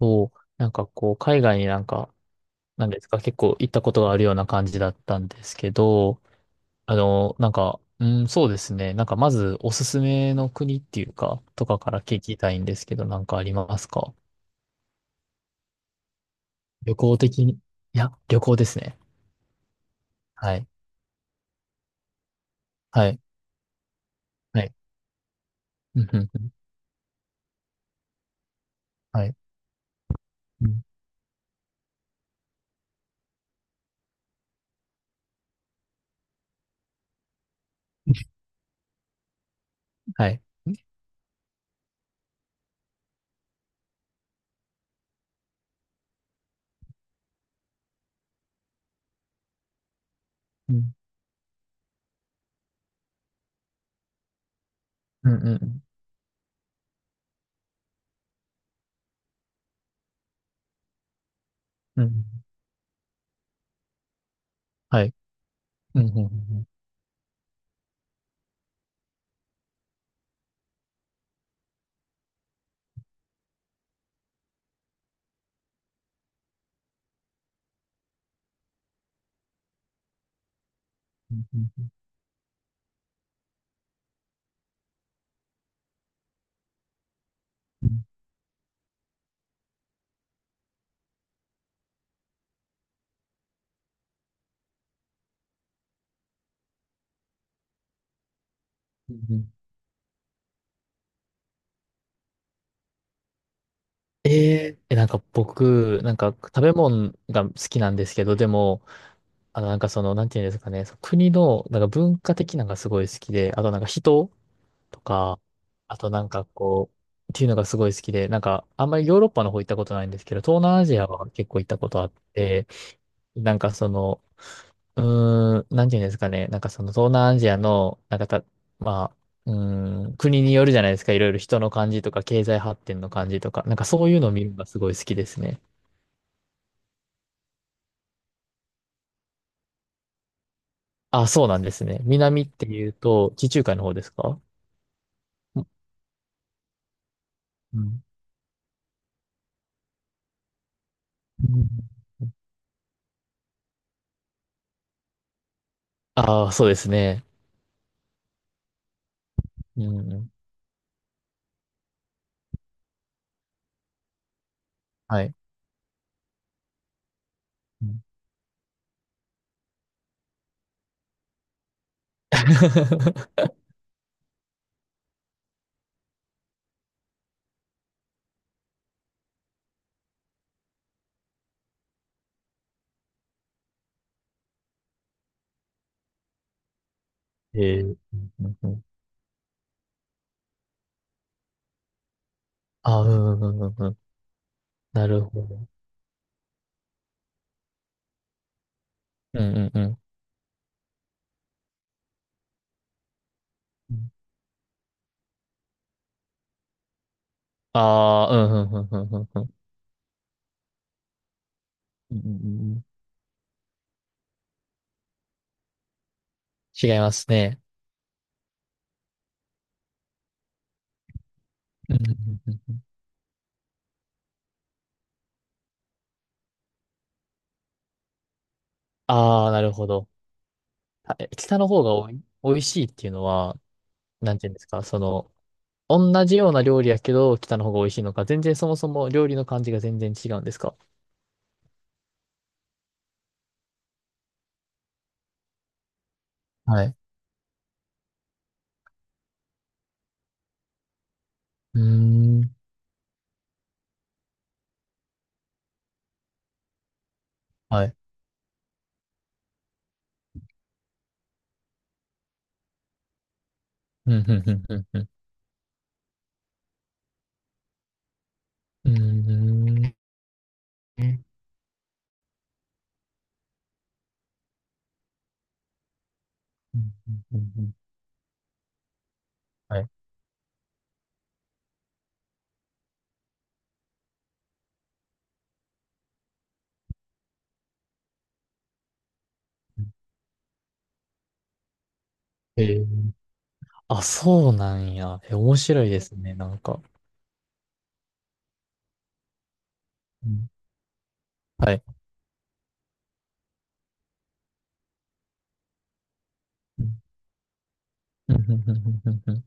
そう、なんかこう、海外になんか、なんですか、結構行ったことがあるような感じだったんですけど、なんか、うん、そうですね。なんかまずおすすめの国っていうか、とかから聞きたいんですけど、なんかありますか？旅行的に。いや、旅行ですね。はい。はい。はい。うん、うん、うん。はい。うん、はい。うん、うん、うん。うん、はい。うん、うん、うん。うん、うん、うん。うんうん。なんか僕、なんか食べ物が好きなんですけど、でも、なんかその、なんていうんですかね、その国の、なんか文化的なのがすごい好きで、あとなんか人とか、あとなんかこう、っていうのがすごい好きで、なんかあんまりヨーロッパの方行ったことないんですけど、東南アジアは結構行ったことあって、なんかその、なんていうんですかね、なんかその東南アジアの、なんかた、まあ、国によるじゃないですか、いろいろ人の感じとか、経済発展の感じとか、なんかそういうのを見るのがすごい好きですね。あ、そうなんですね。南っていうと、地中海の方ですか？うんうん。ああ、そうですね。うん。はい。うん うんうんうん。あーうんうんうんうん。なるほど。うんうんうん。うん。ああ、うん、うんうんうんうんうんうんうんうん。違いますね。うんうんうんうん。ああ、なるほど。あ、北の方がおい美味しいっていうのは、なんていうんですか、その、同じような料理やけど、北の方が美味しいのか、全然そもそも料理の感じが全然違うんですか？はい。うーん。はい。うん、うんうんうんん。うーん。うんうんうんうん。はい。えー、あ、そうなんや。え、面白いですね、なんか。うん、はい。うんうんうんうん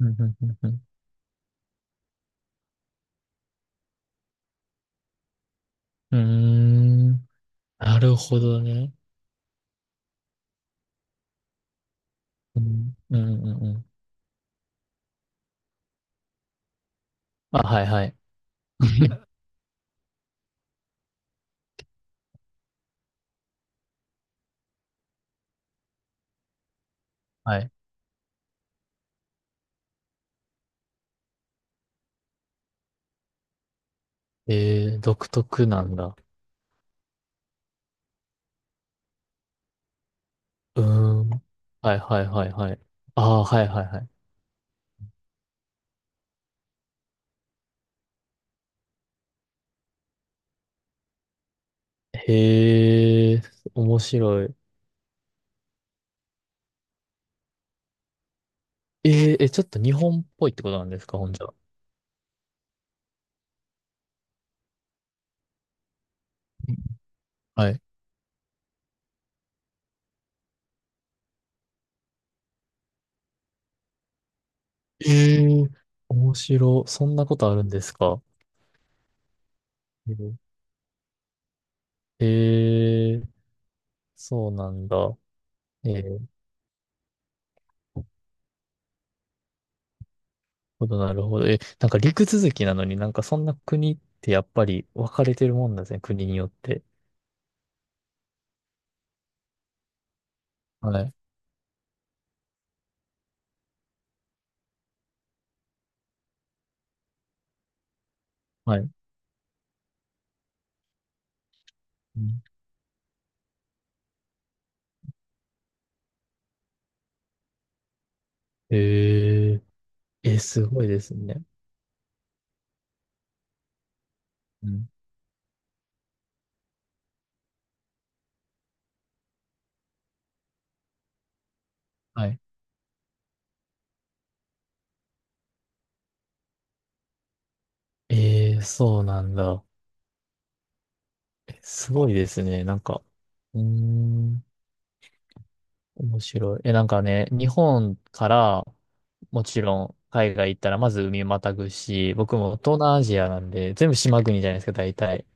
うんうんうんうんうん。なるほどね。うん、うん、うん、うん。あ、はいはい。はい。独特なんだ。うーん。はいはいはいはい。ああ、はいはいはい。へえ、面白い。ちょっと日本っぽいってことなんですか、ほんじゃ？はい。ええ。面白。そんなことあるんですか？ええ、そうなんだ。ええ、なるほど、なるほど。え、なんか陸続きなのになんかそんな国ってやっぱり分かれてるもんなんですね。国によって。はい。はい。うん。えええ、すごいですね。うん。はい。ええ、そうなんだ。え、すごいですね。なんか、うーん。面白い。え、なんかね、日本からもちろん海外行ったらまず海またぐし、僕も東南アジアなんで、全部島国じゃないですか、大体。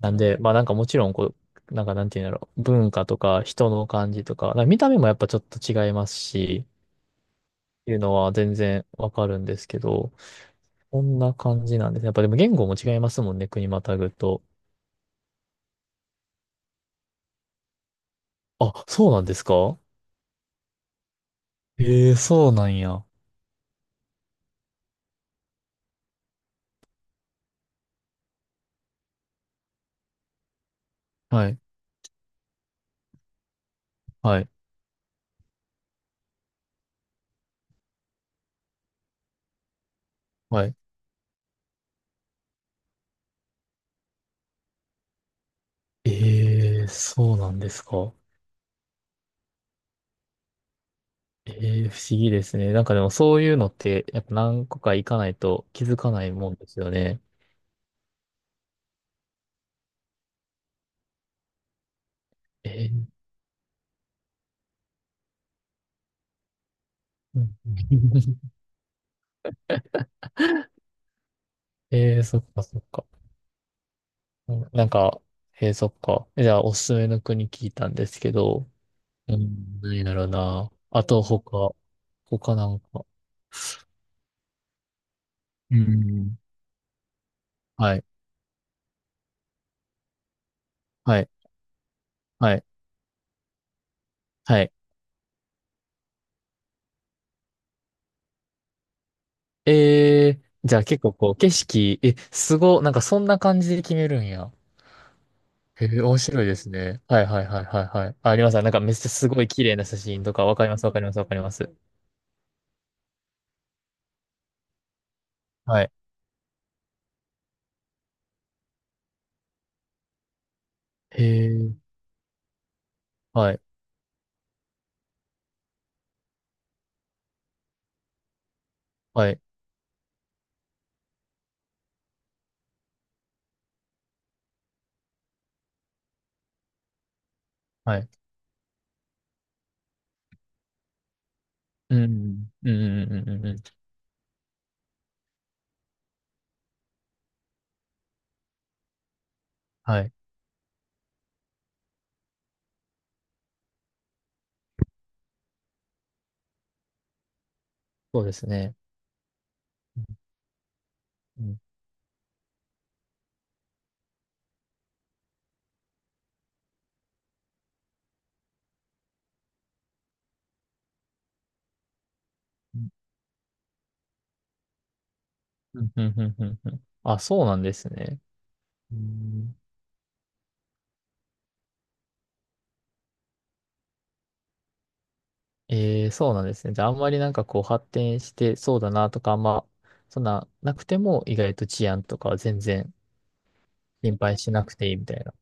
なんで、まあなんかもちろんこう、なんかなんていうんだろう、文化とか人の感じとか、なんか見た目もやっぱちょっと違いますし、っていうのは全然わかるんですけど、こんな感じなんですね。やっぱでも言語も違いますもんね、国またぐと。あ、そうなんですか？ええ、そうなんや。はい、はい、はい。ええ、そうなんですか？ええ、不思議ですね。なんかでもそういうのって、やっぱ何個か行かないと気づかないもんですよね。ええ、うん ええ、そっかそっか。うん。なんか、ええ、そっか。じゃあ、おすすめの国聞いたんですけど、うん、何だろうな。あと、他なんか。うん。はい、はい、はい、はい。ええ、じゃあ結構こう、景色、え、すご、なんかそんな感じで決めるんや。へえ、面白いですね。はいはいはいはいはい。あ、あります。なんかめっちゃすごい綺麗な写真とか、わかりますわかりますわかります。はい。へえ、はい、はい、はい。うん、うん、うん、うん、うん、うん。はい。そうですね。うん、うん、うん、うん、うん。うん。あ、そうなんですね。うん、そうなんですね。じゃあ、あんまりなんかこう発展してそうだなとか、あんま、そんななくても、意外と治安とかは全然心配しなくていいみたいな。